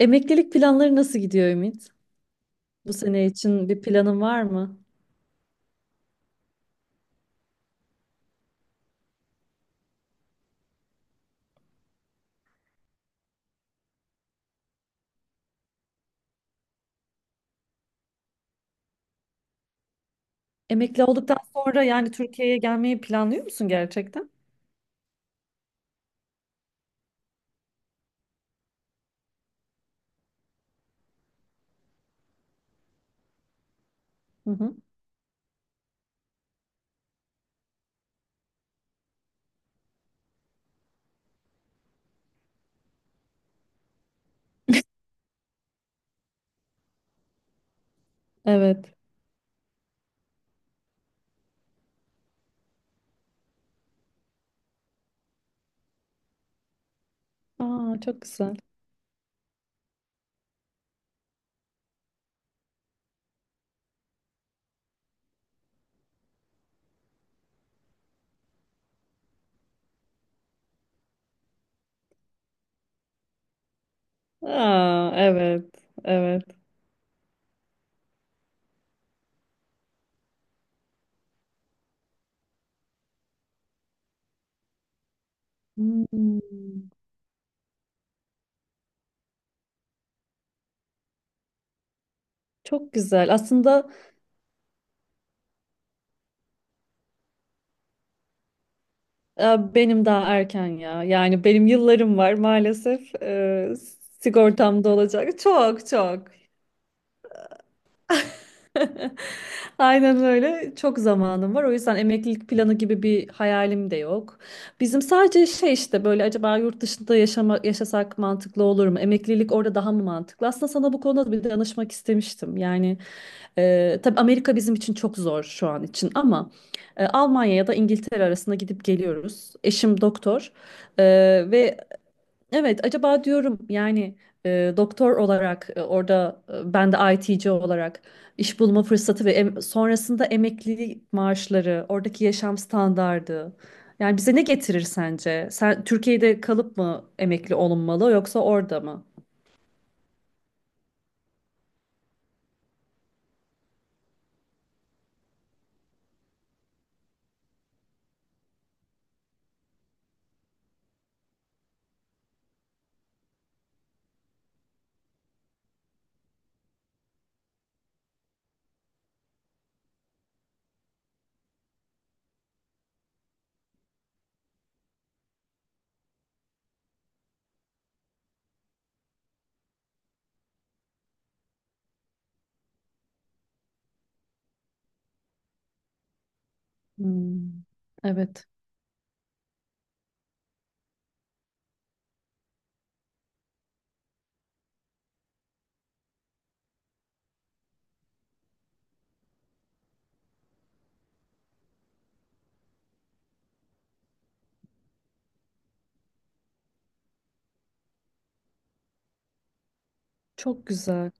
Emeklilik planları nasıl gidiyor Ümit? Bu sene için bir planın var mı? Emekli olduktan sonra yani Türkiye'ye gelmeyi planlıyor musun gerçekten? Hı hı. Evet. Aa, çok güzel. Aa, evet, evet. Hmm, çok güzel. Aslında benim daha erken ya. Yani benim yıllarım var maalesef. Sigortamda olacak. Çok çok. Aynen öyle. Çok zamanım var. O yüzden emeklilik planı gibi bir hayalim de yok. Bizim sadece şey işte böyle acaba yurt dışında yaşasak mantıklı olur mu? Emeklilik orada daha mı mantıklı? Aslında sana bu konuda bir danışmak istemiştim. Yani tabii Amerika bizim için çok zor şu an için ama Almanya ya da İngiltere arasında gidip geliyoruz. Eşim doktor e, ve, evet, acaba diyorum yani doktor olarak orada, ben de IT'ci olarak iş bulma fırsatı ve sonrasında emeklilik maaşları, oradaki yaşam standardı. Yani bize ne getirir sence? Sen Türkiye'de kalıp mı emekli olunmalı yoksa orada mı? Hmm, evet, çok güzel.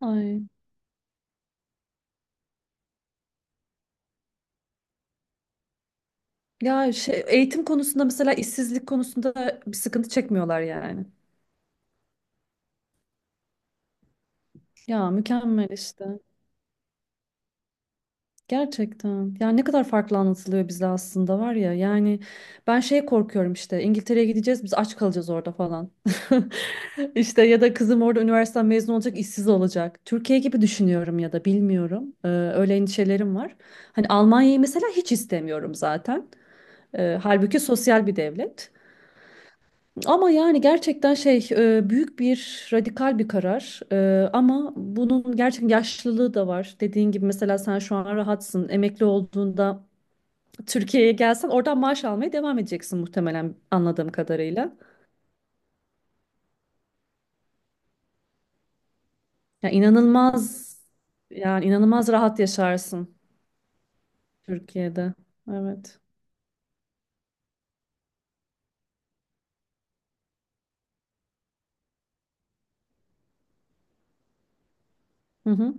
Ay. Ya şey, eğitim konusunda mesela işsizlik konusunda bir sıkıntı çekmiyorlar yani. Ya mükemmel işte. Gerçekten. Yani ne kadar farklı anlatılıyor bize aslında var ya. Yani ben şey korkuyorum işte İngiltere'ye gideceğiz biz aç kalacağız orada falan. İşte ya da kızım orada üniversiteden mezun olacak işsiz olacak. Türkiye gibi düşünüyorum ya da bilmiyorum. Öyle endişelerim var. Hani Almanya'yı mesela hiç istemiyorum zaten. Halbuki sosyal bir devlet. Ama yani gerçekten şey büyük bir radikal bir karar. Ama bunun gerçekten yaşlılığı da var. Dediğin gibi mesela sen şu an rahatsın. Emekli olduğunda Türkiye'ye gelsen oradan maaş almaya devam edeceksin muhtemelen anladığım kadarıyla. Ya inanılmaz yani inanılmaz rahat yaşarsın Türkiye'de. Evet. Hı hı.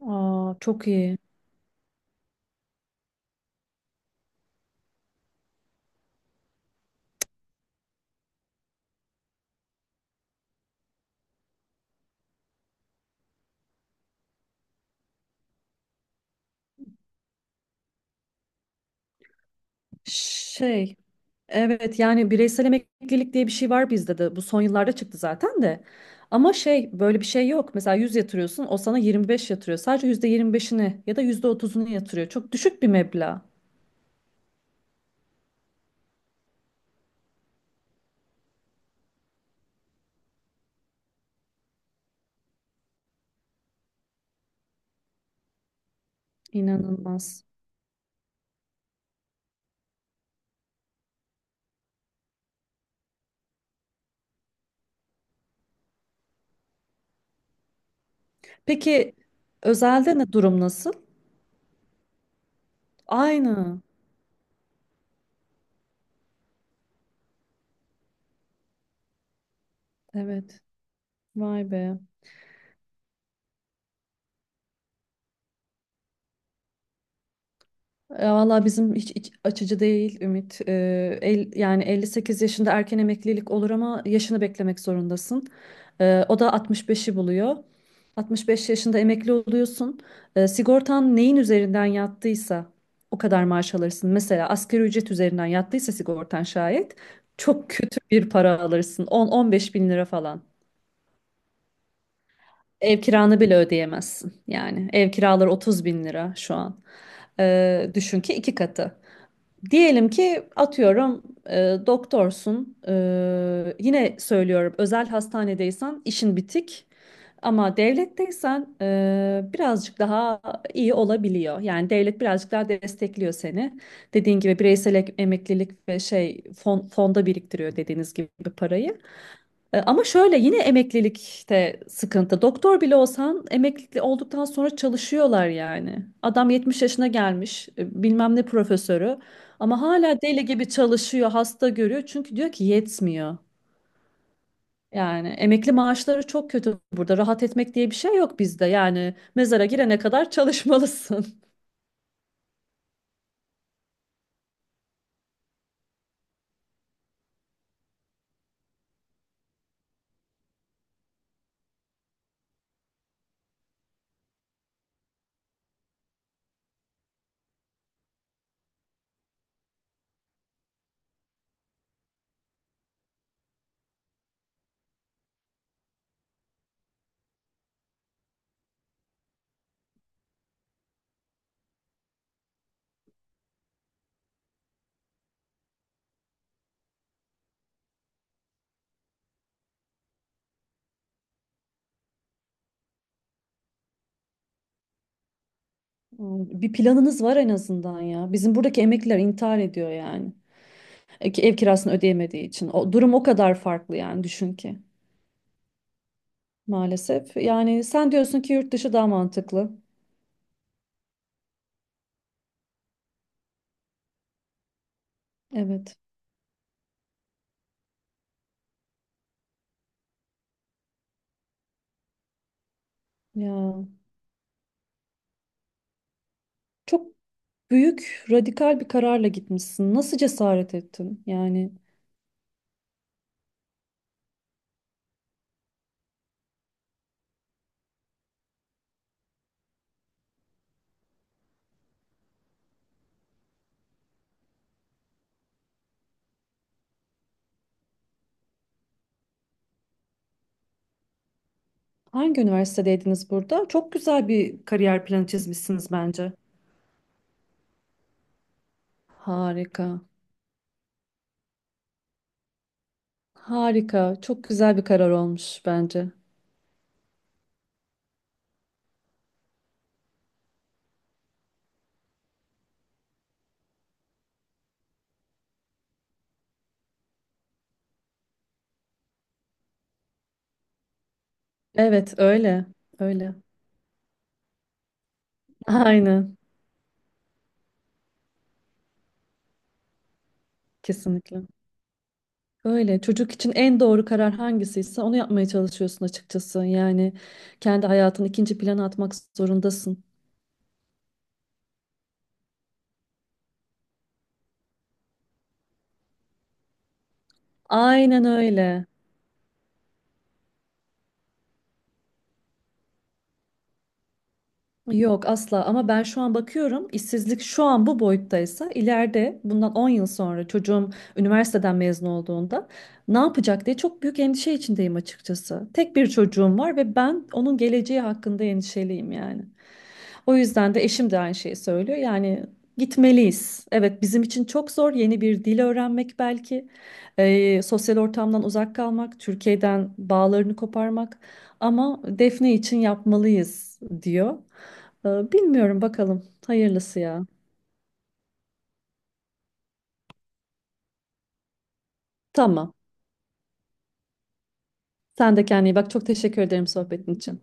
Aa, çok iyi. Şey, evet yani bireysel emeklilik diye bir şey var bizde de. Bu son yıllarda çıktı zaten de. Ama şey böyle bir şey yok. Mesela 100 yatırıyorsun, o sana 25 yatırıyor. Sadece yüzde 25'ini ya da %30'unu yatırıyor. Çok düşük bir meblağ. İnanılmaz. Peki özelde ne durum nasıl? Aynı. Evet. Vay be. Ya valla bizim hiç iç açıcı değil Ümit. Yani 58 yaşında erken emeklilik olur ama yaşını beklemek zorundasın. O da 65'i buluyor. 65 yaşında emekli oluyorsun. Sigortan neyin üzerinden yattıysa o kadar maaş alırsın. Mesela asgari ücret üzerinden yattıysa sigortan şayet çok kötü bir para alırsın. 10-15 bin lira falan. Ev kiranı bile ödeyemezsin. Yani ev kiraları 30 bin lira şu an. Düşün ki iki katı. Diyelim ki atıyorum e, doktorsun. Yine söylüyorum, özel hastanedeysen işin bitik. Ama devletteysen birazcık daha iyi olabiliyor. Yani devlet birazcık daha destekliyor seni. Dediğin gibi bireysel emeklilik ve şey fonda biriktiriyor dediğiniz gibi parayı. Ama şöyle, yine emeklilikte sıkıntı. Doktor bile olsan emekli olduktan sonra çalışıyorlar yani. Adam 70 yaşına gelmiş, bilmem ne profesörü, ama hala deli gibi çalışıyor, hasta görüyor. Çünkü diyor ki yetmiyor. Yani emekli maaşları çok kötü burada. Rahat etmek diye bir şey yok bizde. Yani mezara girene kadar çalışmalısın. Bir planınız var en azından ya. Bizim buradaki emekliler intihar ediyor yani, ki ev kirasını ödeyemediği için. O durum o kadar farklı, yani düşün ki, maalesef. Yani sen diyorsun ki yurt dışı daha mantıklı. Evet. Ya çok büyük, radikal bir kararla gitmişsin. Nasıl cesaret ettin? Yani hangi üniversitedeydiniz burada? Çok güzel bir kariyer planı çizmişsiniz bence. Harika. Harika. Çok güzel bir karar olmuş bence. Evet, öyle. Öyle. Aynen. Kesinlikle. Öyle. Çocuk için en doğru karar hangisiyse onu yapmaya çalışıyorsun açıkçası. Yani kendi hayatını ikinci plana atmak zorundasın. Aynen öyle. Yok, asla, ama ben şu an bakıyorum, işsizlik şu an bu boyuttaysa ileride, bundan 10 yıl sonra, çocuğum üniversiteden mezun olduğunda ne yapacak diye çok büyük endişe içindeyim açıkçası. Tek bir çocuğum var ve ben onun geleceği hakkında endişeliyim yani. O yüzden de eşim de aynı şeyi söylüyor yani, gitmeliyiz. Evet, bizim için çok zor yeni bir dil öğrenmek, belki sosyal ortamdan uzak kalmak, Türkiye'den bağlarını koparmak, ama Defne için yapmalıyız diyor. Bilmiyorum, bakalım. Hayırlısı ya. Tamam. Sen de kendine iyi bak. Çok teşekkür ederim sohbetin için.